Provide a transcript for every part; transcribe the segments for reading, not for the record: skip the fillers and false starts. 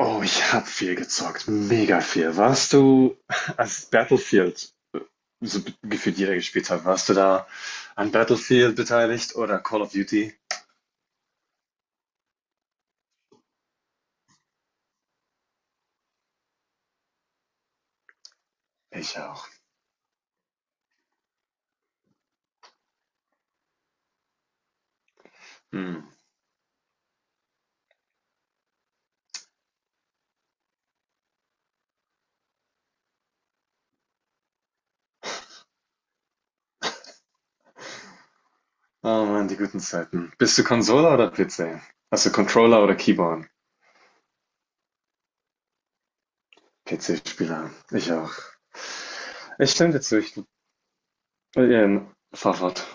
Oh, ich habe viel gezockt, mega viel. Warst du, als Battlefield so gefühlt jeder gespielt hat, warst du da an Battlefield beteiligt oder Call of Duty? Ich auch. Hm. Oh Mann, die guten Zeiten. Bist du Konsole oder PC? Hast du Controller oder Keyboard? PC-Spieler. Ich auch. Ich stimme dir zu, ich fahr fort.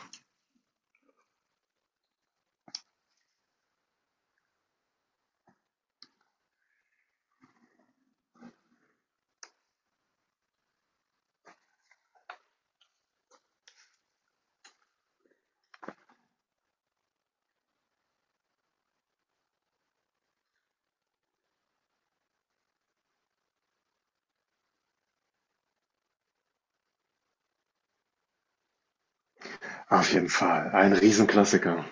Auf jeden Fall. Ein Riesenklassiker.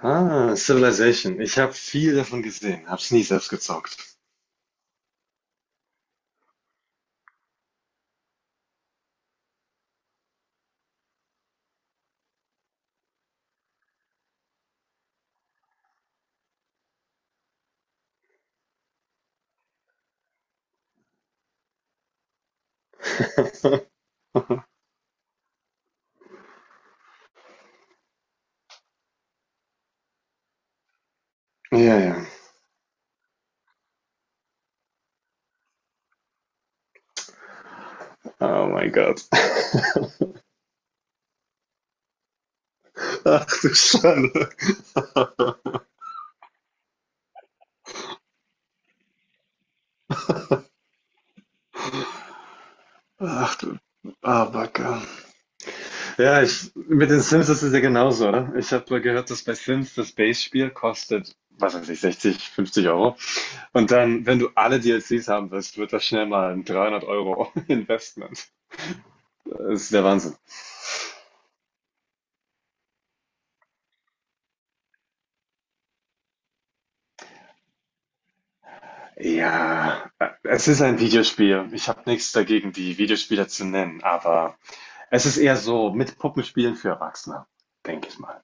Ah, Civilization. Ich habe viel davon gesehen, hab's nie selbst gezockt. Ja, ja. Oh mein Gott. Ach du Schande. Ach du Abacke. Ja, mit den Sims ist es ja genauso, oder? Ich habe gehört, dass bei Sims das Base-Spiel kostet, was weiß ich, 60, 50€. Und dann, wenn du alle DLCs haben willst, wird das schnell mal ein 300€ Investment. Das ist der Wahnsinn. Ja, es ist ein Videospiel. Ich habe nichts dagegen, die Videospiele zu nennen, aber es ist eher so mit Puppenspielen für Erwachsene, denke ich mal.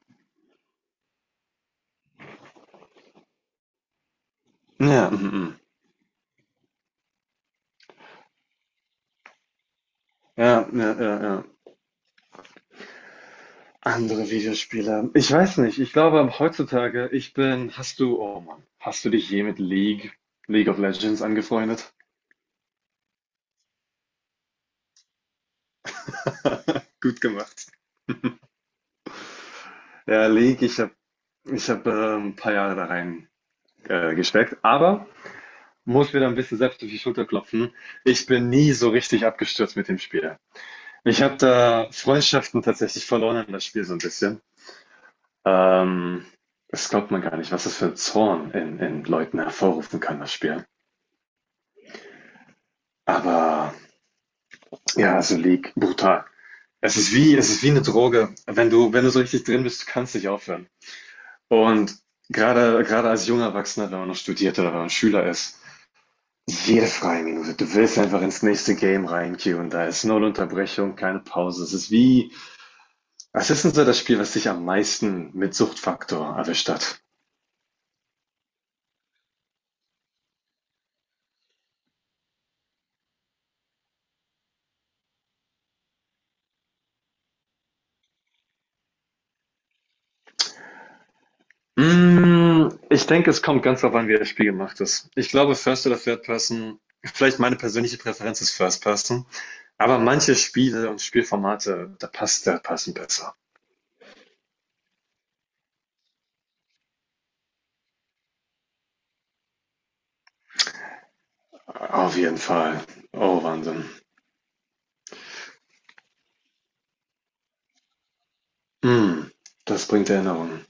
Ja, mhm, mhm. Ja, ja, ja, ja. Andere Videospiele. Ich weiß nicht. Ich glaube heutzutage, ich bin, hast du, oh Mann, hast du dich je mit League of Legends angefreundet? Gut gemacht. Ja, League, ich hab, ein paar Jahre da rein gesteckt, aber muss mir da ein bisschen selbst auf die Schulter klopfen. Ich bin nie so richtig abgestürzt mit dem Spiel. Ich habe da Freundschaften tatsächlich verloren in das Spiel so ein bisschen. Ähm, Das glaubt man gar nicht, was das für ein Zorn in Leuten hervorrufen kann, das Spiel. Aber Ja, also League, brutal. Es ist wie eine Droge. Wenn du so richtig drin bist, du kannst nicht aufhören. Und gerade als junger Erwachsener, wenn man noch studiert oder wenn man Schüler ist, jede freie Minute, du willst einfach ins nächste Game reinqueuen. Da ist null Unterbrechung, keine Pause. Was ist denn so das Spiel, was dich am meisten mit Suchtfaktor erwischt hat? Ich denke, es kommt ganz darauf an, wie das Spiel gemacht ist. Ich glaube, First oder Third Person, vielleicht meine persönliche Präferenz ist First Person, aber manche Spiele und Spielformate, da passt Third Person besser. Auf jeden Fall. Oh, Wahnsinn. Mm, Das bringt Erinnerungen.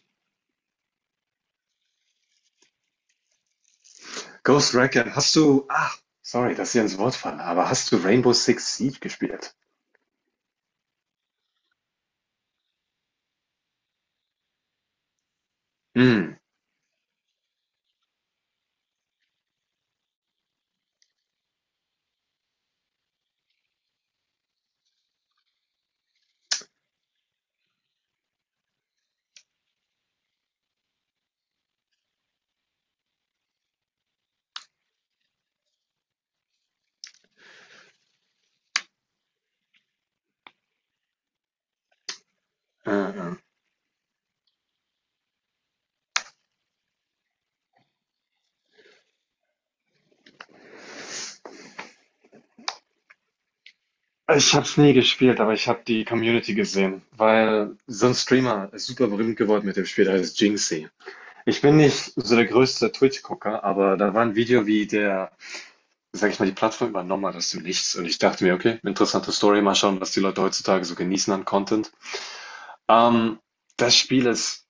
Ghost Recon, ach, sorry, dass ich ins Wort falle, aber hast du Rainbow Six Siege gespielt? Mm, äh, äh. Ich habe es nie gespielt, aber ich habe die Community gesehen, weil so ein Streamer ist super berühmt geworden mit dem Spiel, der heißt Jinxie. Ich bin nicht so der größte Twitch-Gucker, aber da war ein Video, wie der, sag ich mal, die Plattform übernommen hat aus dem Nichts. Und ich dachte mir, okay, interessante Story, mal schauen, was die Leute heutzutage so genießen an Content. Ähm, Das Spiel ist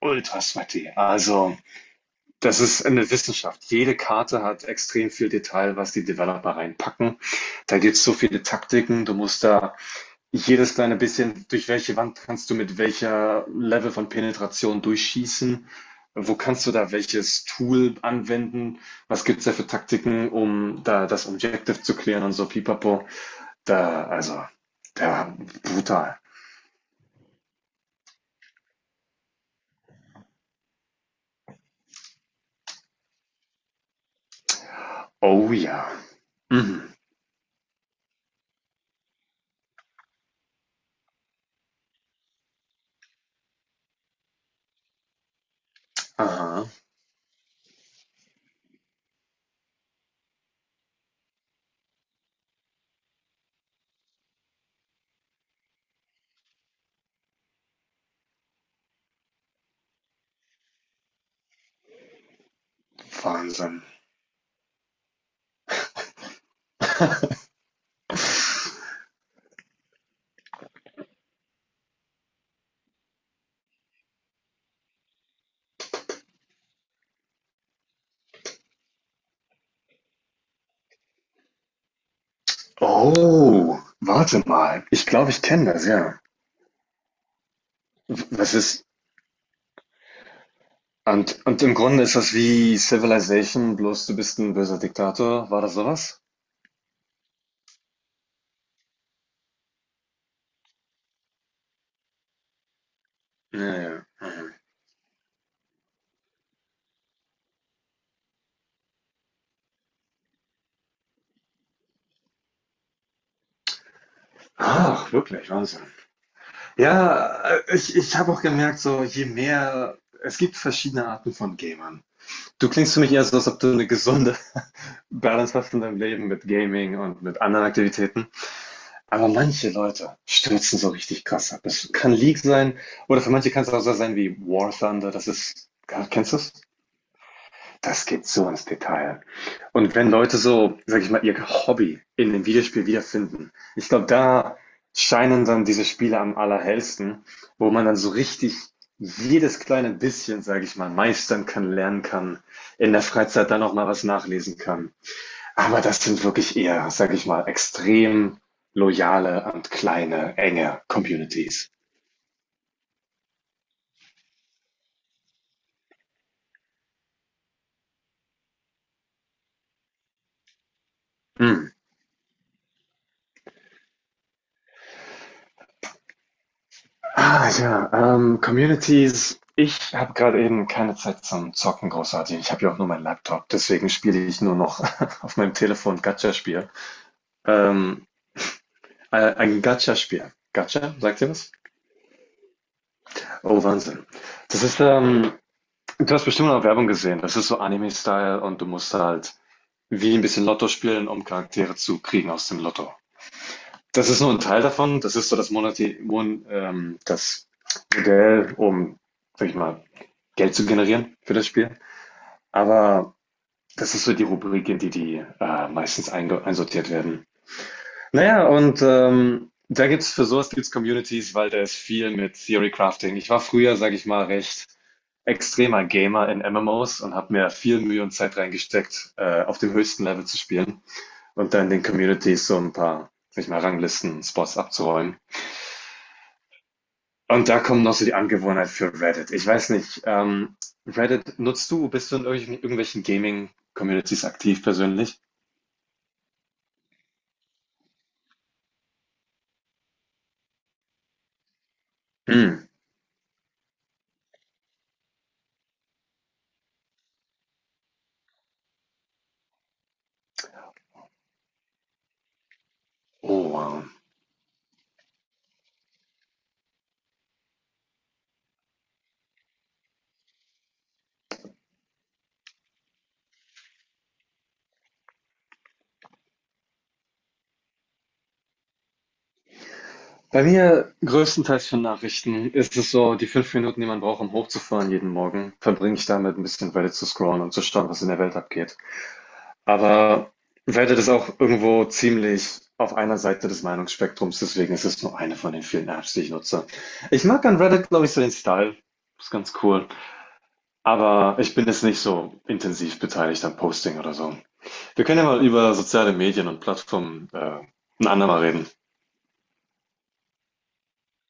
ultra sweaty. Also, das ist eine Wissenschaft. Jede Karte hat extrem viel Detail, was die Developer reinpacken. Da gibt es so viele Taktiken. Du musst da jedes kleine bisschen, durch welche Wand kannst du mit welcher Level von Penetration durchschießen? Wo kannst du da welches Tool anwenden? Was gibt's da für Taktiken, um da das Objective zu klären und so pipapo? Also, da, brutal. Oh ja. Mhm. Aha, Wahnsinn. Oh, warte mal. Ich glaube, ich kenne das, ja. Das ist, und im Grunde ist das wie Civilization, bloß du bist ein böser Diktator. War das sowas? Ja, ja. Mhm. Ach, wirklich, Wahnsinn. Ja, ich habe auch gemerkt, so je mehr, es gibt verschiedene Arten von Gamern. Du klingst für mich eher so, als ob du eine gesunde Balance hast in deinem Leben mit Gaming und mit anderen Aktivitäten. Aber manche Leute stürzen so richtig krass ab. Es kann League sein oder für manche kann es auch so sein wie War Thunder. Kennst du es? Das geht so ins Detail. Und wenn Leute so, sag ich mal, ihr Hobby in dem Videospiel wiederfinden, ich glaube, da scheinen dann diese Spiele am allerhellsten, wo man dann so richtig jedes kleine bisschen, sage ich mal, meistern kann, lernen kann, in der Freizeit dann auch mal was nachlesen kann. Aber das sind wirklich eher, sage ich mal, extrem loyale und kleine, enge Communities. Mm. Ah ja, Communities. Ich habe gerade eben keine Zeit zum Zocken großartig. Ich habe ja auch nur meinen Laptop, deswegen spiele ich nur noch auf meinem Telefon Gacha-Spiel. Ähm, ein Gacha-Spiel. Gacha, sagt ihr was? Oh, Wahnsinn. Das ist, ähm, Du hast bestimmt noch Werbung gesehen. Das ist so Anime-Style und du musst halt wie ein bisschen Lotto spielen, um Charaktere zu kriegen aus dem Lotto. Das ist nur ein Teil davon. Das ist so das Monati Mon das Modell, um, sag ich mal, Geld zu generieren für das Spiel. Aber das ist so die Rubrik, in die die meistens einsortiert werden. Naja, und da gibt's für sowas gibt's Communities, weil da ist viel mit Theory Crafting. Ich war früher, sage ich mal, recht extremer Gamer in MMOs und habe mir viel Mühe und Zeit reingesteckt, auf dem höchsten Level zu spielen und dann in den Communities so ein paar, sag ich mal, Ranglisten, Spots abzuräumen. Und da kommt noch so die Angewohnheit für Reddit. Ich weiß nicht, Reddit nutzt du? Bist du in irgendwelchen Gaming-Communities aktiv persönlich? Hm. Oh, wow. Bei mir größtenteils für Nachrichten ist es so, die 5 Minuten, die man braucht, um hochzufahren jeden Morgen, verbringe ich damit, ein bisschen Reddit zu scrollen und zu schauen, was in der Welt abgeht. Aber Reddit ist auch irgendwo ziemlich auf einer Seite des Meinungsspektrums, deswegen ist es nur eine von den vielen Apps, die ich nutze. Ich mag an Reddit, glaube ich, so den Style. Ist ganz cool. Aber ich bin jetzt nicht so intensiv beteiligt am Posting oder so. Wir können ja mal über soziale Medien und Plattformen, ein andermal reden.